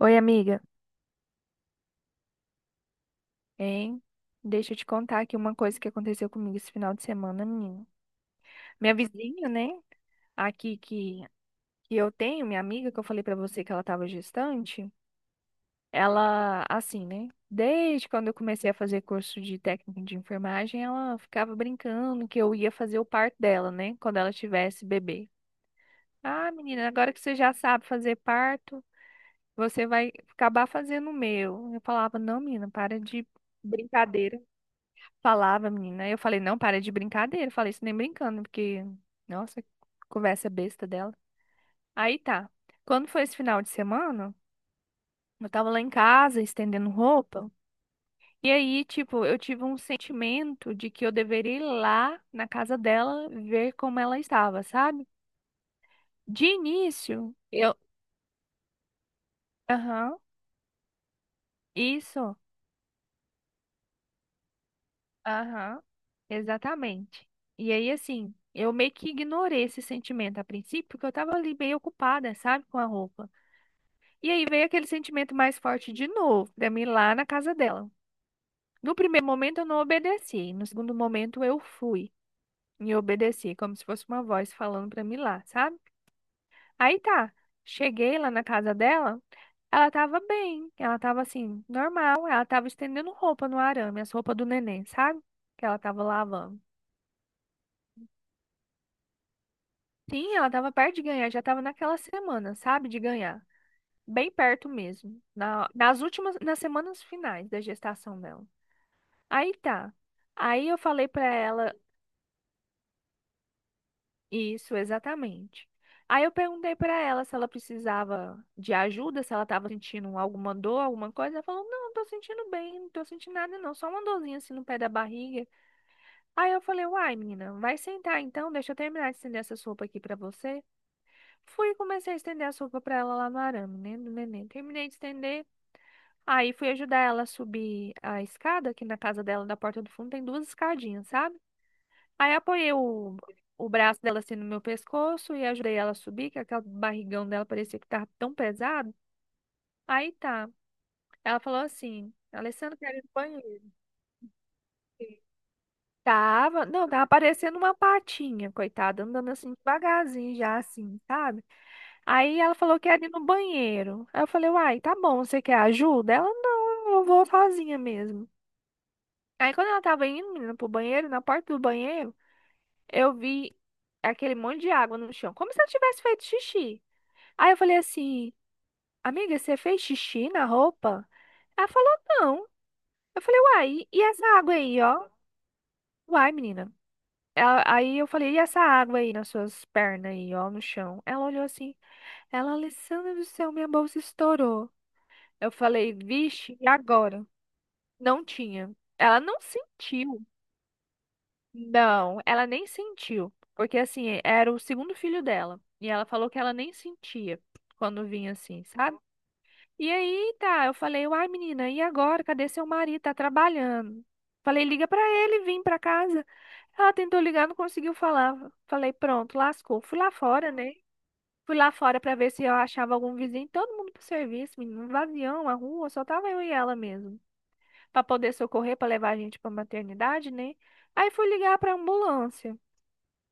Oi, amiga. Hein? Deixa eu te contar aqui uma coisa que aconteceu comigo esse final de semana, menina. Minha vizinha, né? Aqui que eu tenho, minha amiga, que eu falei pra você que ela tava gestante. Ela, assim, né? Desde quando eu comecei a fazer curso de técnico de enfermagem, ela ficava brincando que eu ia fazer o parto dela, né? Quando ela tivesse bebê. Ah, menina, agora que você já sabe fazer parto, você vai acabar fazendo o meu. Eu falava, não, menina, para de brincadeira. Falava, menina. Eu falei, não, para de brincadeira. Eu falei isso nem brincando, porque, nossa, conversa besta dela. Aí tá. Quando foi esse final de semana, eu tava lá em casa estendendo roupa. E aí, tipo, eu tive um sentimento de que eu deveria ir lá na casa dela ver como ela estava, sabe? De início, eu. Aham, isso. Aham, exatamente. E aí, assim, eu meio que ignorei esse sentimento a princípio, porque eu tava ali bem ocupada, sabe, com a roupa. E aí veio aquele sentimento mais forte de novo pra mim lá na casa dela. No primeiro momento eu não obedeci, no segundo momento eu fui e obedeci, como se fosse uma voz falando pra mim lá, sabe? Aí tá, cheguei lá na casa dela, ela tava bem, ela tava assim, normal, ela tava estendendo roupa no arame, as roupas do neném, sabe? Que ela tava lavando. Sim, ela tava perto de ganhar, já tava naquela semana, sabe? De ganhar. Bem perto mesmo, nas últimas, nas semanas finais da gestação dela. Aí tá. Aí eu falei pra ela isso exatamente. Aí eu perguntei pra ela se ela precisava de ajuda, se ela tava sentindo alguma dor, alguma coisa. Ela falou: "Não, tô sentindo bem, não tô sentindo nada não, só uma dorzinha assim no pé da barriga". Aí eu falei: "Uai, menina, vai sentar então, deixa eu terminar de estender essa sopa aqui pra você". Fui e comecei a estender a sopa pra ela lá no arame, né, do neném. Terminei de estender. Aí fui ajudar ela a subir a escada, que na casa dela, da porta do fundo, tem duas escadinhas, sabe? Aí apoiei o braço dela assim no meu pescoço e ajudei ela a subir, que aquele barrigão dela parecia que tava tão pesado. Aí tá. Ela falou assim, Alessandra, quero ir no banheiro. Tava, não, tava parecendo uma patinha, coitada, andando assim devagarzinho já, assim, sabe? Aí ela falou que era ir no banheiro. Aí eu falei, uai, tá bom, você quer ajuda? Ela, não, eu vou sozinha mesmo. Aí quando ela tava indo, menina, pro banheiro, na porta do banheiro, eu vi aquele monte de água no chão, como se ela tivesse feito xixi. Aí eu falei assim, amiga, você fez xixi na roupa? Ela falou, não. Eu falei, uai, e essa água aí, ó? Uai, menina. Aí eu falei, e essa água aí nas suas pernas aí, ó, no chão? Ela olhou assim, ela, Alessandra do céu, minha bolsa estourou. Eu falei, vixe, e agora? Não tinha. Ela não sentiu. Não, ela nem sentiu. Porque assim, era o segundo filho dela. E ela falou que ela nem sentia quando vinha assim, sabe? E aí, tá, eu falei, uai, menina, e agora? Cadê seu marido? Tá trabalhando. Falei, liga pra ele, vim pra casa. Ela tentou ligar, não conseguiu falar. Falei, pronto, lascou. Fui lá fora, né? Fui lá fora pra ver se eu achava algum vizinho, todo mundo pro serviço, menino, um vazião, a rua, só tava eu e ela mesmo. Pra poder socorrer, pra levar a gente pra maternidade, né? Aí fui ligar pra ambulância.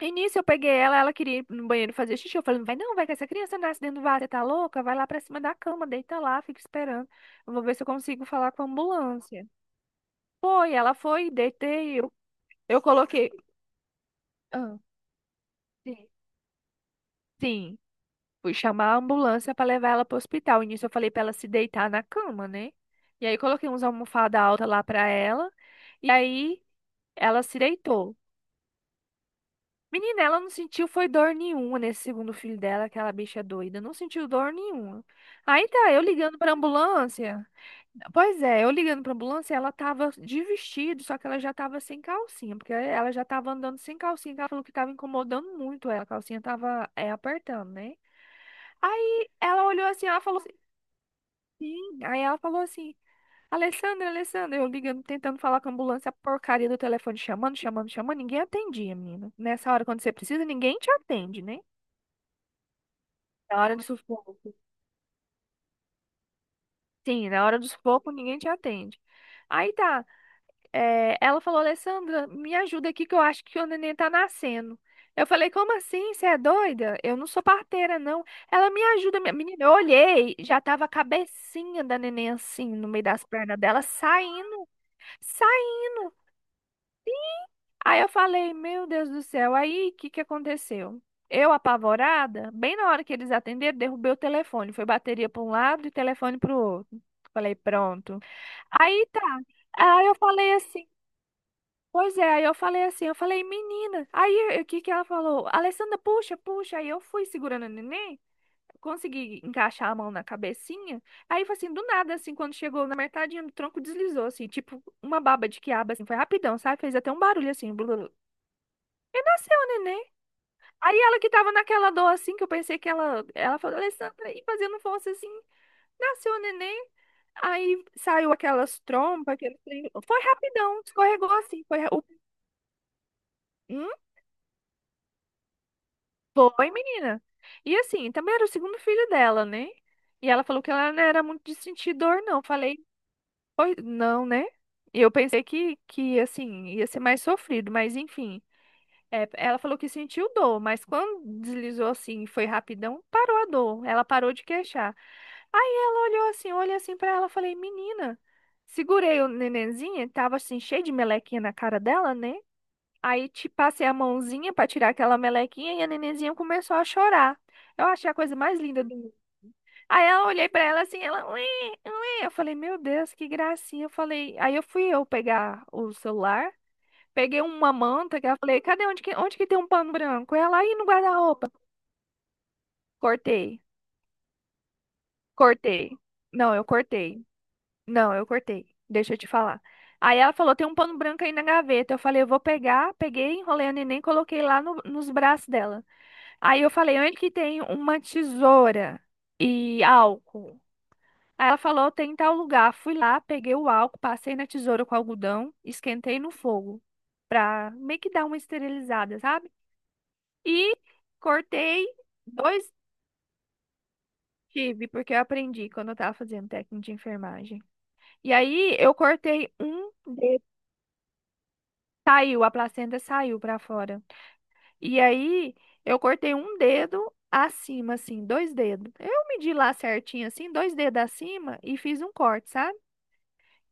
No início eu peguei ela, ela queria ir no banheiro fazer xixi. Eu falei, não vai não, vai que essa criança nasce dentro do vaso, você tá louca? Vai lá pra cima da cama, deita lá, fica esperando. Eu vou ver se eu consigo falar com a ambulância. Foi, ela foi, deitei, eu coloquei. Ah, sim. Sim, fui chamar a ambulância pra levar ela pro hospital. No início eu falei pra ela se deitar na cama, né? E aí coloquei uns almofada alta lá pra ela. E aí ela se deitou. Menina, ela não sentiu foi dor nenhuma nesse segundo filho dela, aquela bicha doida. Não sentiu dor nenhuma. Aí tá, eu ligando pra ambulância. Pois é, eu ligando pra ambulância, ela tava de vestido, só que ela já tava sem calcinha, porque ela já tava andando sem calcinha, que ela falou que tava incomodando muito ela, a calcinha tava apertando, né? Aí ela olhou assim, ela falou assim, sim. Aí ela falou assim, Alessandra, Alessandra, eu ligando, tentando falar com a ambulância, a porcaria do telefone chamando, chamando, chamando, ninguém atendia, menina. Nessa hora, quando você precisa, ninguém te atende, né? Na hora do sufoco. Sim, na hora do sufoco ninguém te atende. Aí tá. Ela falou, Alessandra, me ajuda aqui que eu acho que o neném tá nascendo. Eu falei, como assim? Você é doida? Eu não sou parteira, não. Ela me ajuda, menina. Eu olhei, já tava a cabecinha da neném assim, no meio das pernas dela, saindo, saindo. Aí eu falei, meu Deus do céu, aí o que que aconteceu? Eu, apavorada, bem na hora que eles atenderam, derrubei o telefone. Foi bateria para um lado e telefone para o outro. Falei, pronto. Aí tá. Aí eu falei assim, pois é, aí eu falei assim, eu falei, menina. Aí o que que ela falou? Alessandra, puxa, puxa. Aí eu fui segurando o neném, consegui encaixar a mão na cabecinha. Aí foi assim, do nada, assim, quando chegou na metadinha do tronco, deslizou, assim, tipo uma baba de quiabo, assim, foi rapidão, sabe? Fez até um barulho assim, blu, e nasceu o neném. Aí ela que tava naquela dor assim, que eu pensei que ela falou, Alessandra, e fazendo força assim, nasceu o neném. Aí saiu aquelas trompas, aquele trem. Foi rapidão, escorregou assim. Hum, foi, menina. E assim, também era o segundo filho dela, né? E ela falou que ela não era muito de sentir dor, não. Falei, pois não, né? E eu pensei que, assim, ia ser mais sofrido, mas enfim. É, ela falou que sentiu dor, mas quando deslizou assim, foi rapidão, parou a dor. Ela parou de queixar. Aí ela olhou assim, olhei assim pra ela, falei, menina, segurei o nenenzinho, tava assim cheio de melequinha na cara dela, né? Aí te passei a mãozinha pra tirar aquela melequinha e a nenenzinha começou a chorar. Eu achei a coisa mais linda do mundo. Aí ela olhei pra ela assim, ela, ué, ué. Eu falei, meu Deus, que gracinha. Eu falei, aí eu fui eu pegar o celular. Peguei uma manta que eu falei, cadê onde que tem um pano branco? Ela aí no guarda-roupa. Cortei, cortei. Não, eu cortei. Não, eu cortei. Deixa eu te falar. Aí ela falou, tem um pano branco aí na gaveta. Eu falei, eu vou pegar. Peguei, enrolei a neném, coloquei lá nos braços dela. Aí eu falei, onde que tem uma tesoura e álcool? Aí ela falou, tem em tal lugar. Fui lá, peguei o álcool, passei na tesoura com algodão, esquentei no fogo pra meio que dar uma esterilizada, sabe? E cortei dois tive, porque eu aprendi quando eu tava fazendo técnico de enfermagem. E aí eu cortei um dedo, saiu, a placenta saiu pra fora. E aí eu cortei um dedo acima, assim, dois dedos. Eu medi lá certinho, assim, dois dedos acima e fiz um corte, sabe?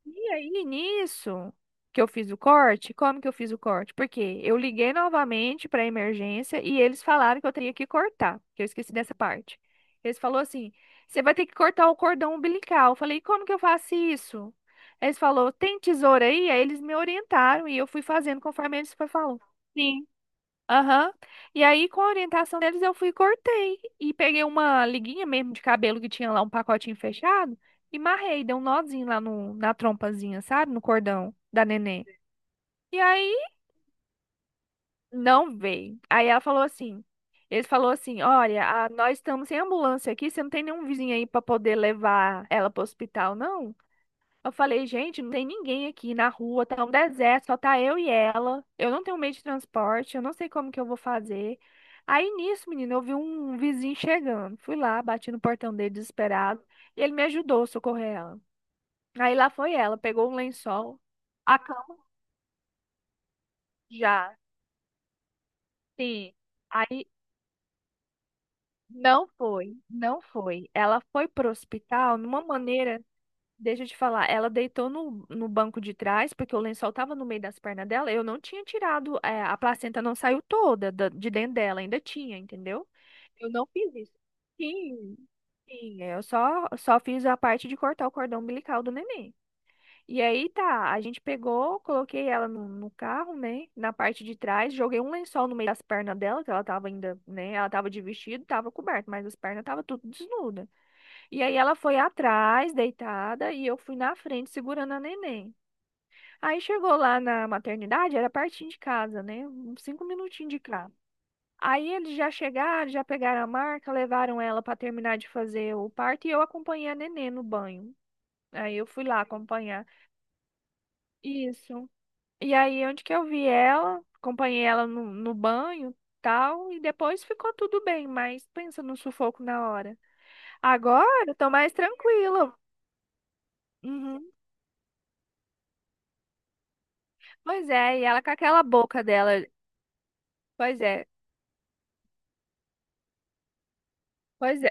E aí, nisso que eu fiz o corte, como que eu fiz o corte? Porque eu liguei novamente para a emergência e eles falaram que eu teria que cortar, que eu esqueci dessa parte. Eles falou assim: "Você vai ter que cortar o cordão umbilical". Eu falei: "Como que eu faço isso?" Eles falou: "Tem tesoura aí?" Aí eles me orientaram e eu fui fazendo conforme eles falou. Sim. Aham. E aí, com a orientação deles, eu fui e cortei. E peguei uma liguinha mesmo de cabelo que tinha lá um pacotinho fechado e marrei, dei um nozinho lá na trompazinha, sabe? No cordão da neném. E aí, não veio. Aí ela falou assim: eles falou assim: olha, nós estamos sem ambulância aqui, você não tem nenhum vizinho aí pra poder levar ela pro hospital, não? Eu falei, gente, não tem ninguém aqui na rua, tá um deserto, só tá eu e ela. Eu não tenho meio de transporte, eu não sei como que eu vou fazer. Aí nisso, menina, eu vi um vizinho chegando. Fui lá, bati no portão dele desesperado, e ele me ajudou a socorrer ela. Aí lá foi ela, pegou um lençol, a cama já, sim. Aí não foi, não foi. Ela foi pro hospital de uma maneira. Deixa eu te falar, ela deitou no banco de trás, porque o lençol tava no meio das pernas dela. Eu não tinha tirado, a placenta não saiu toda de dentro dela, ainda tinha, entendeu? Eu não fiz isso. Sim, sim, é, eu só fiz a parte de cortar o cordão umbilical do neném. E aí tá, a gente pegou, coloquei ela no carro, né? Na parte de trás, joguei um lençol no meio das pernas dela, que ela tava ainda, né? Ela tava de vestido, tava coberta, mas as pernas tava tudo desnuda. E aí ela foi atrás, deitada, e eu fui na frente segurando a neném. Aí chegou lá na maternidade, era pertinho de casa, né? Uns 5 minutinhos de cá. Aí eles já chegaram, já pegaram a marca, levaram ela para terminar de fazer o parto e eu acompanhei a neném no banho. Aí eu fui lá acompanhar. Isso. E aí onde que eu vi ela, acompanhei ela no banho, tal, e depois ficou tudo bem, mas pensa no sufoco na hora. Agora eu tô mais tranquila. Uhum. Pois é, e ela com aquela boca dela. Pois é, pois é,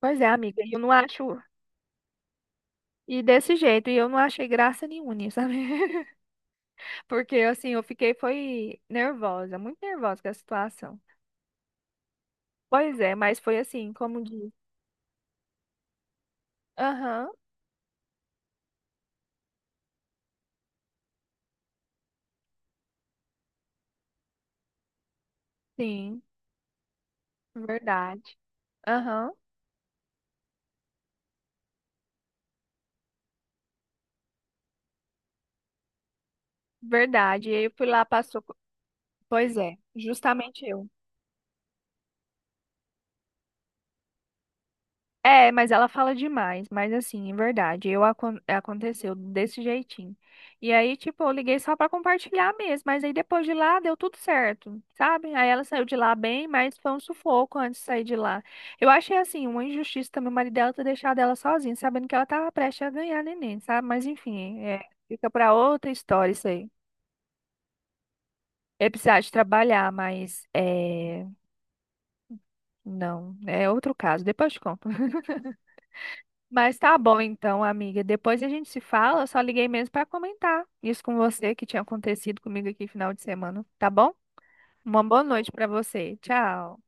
pois é, amiga. Eu não acho. E desse jeito, e eu não achei graça nenhuma, nisso, sabe? Porque assim, eu fiquei, foi nervosa, muito nervosa com a situação. Pois é, mas foi assim, como diz. Aham, sim, verdade. Aham, verdade. E aí eu fui lá, passou. Pois é, justamente eu. É, mas ela fala demais, mas assim, em verdade, eu aconteceu desse jeitinho. E aí, tipo, eu liguei só pra compartilhar mesmo, mas aí depois de lá deu tudo certo, sabe? Aí ela saiu de lá bem, mas foi um sufoco antes de sair de lá. Eu achei assim, uma injustiça também o marido dela ter deixado ela sozinha, sabendo que ela tava prestes a ganhar neném, sabe? Mas enfim, fica pra outra história isso aí. É precisar de trabalhar, mas é, não, é outro caso, depois eu te conto. Mas tá bom então, amiga. Depois a gente se fala. Eu só liguei mesmo para comentar isso com você que tinha acontecido comigo aqui final de semana, tá bom? Uma boa noite para você. Tchau.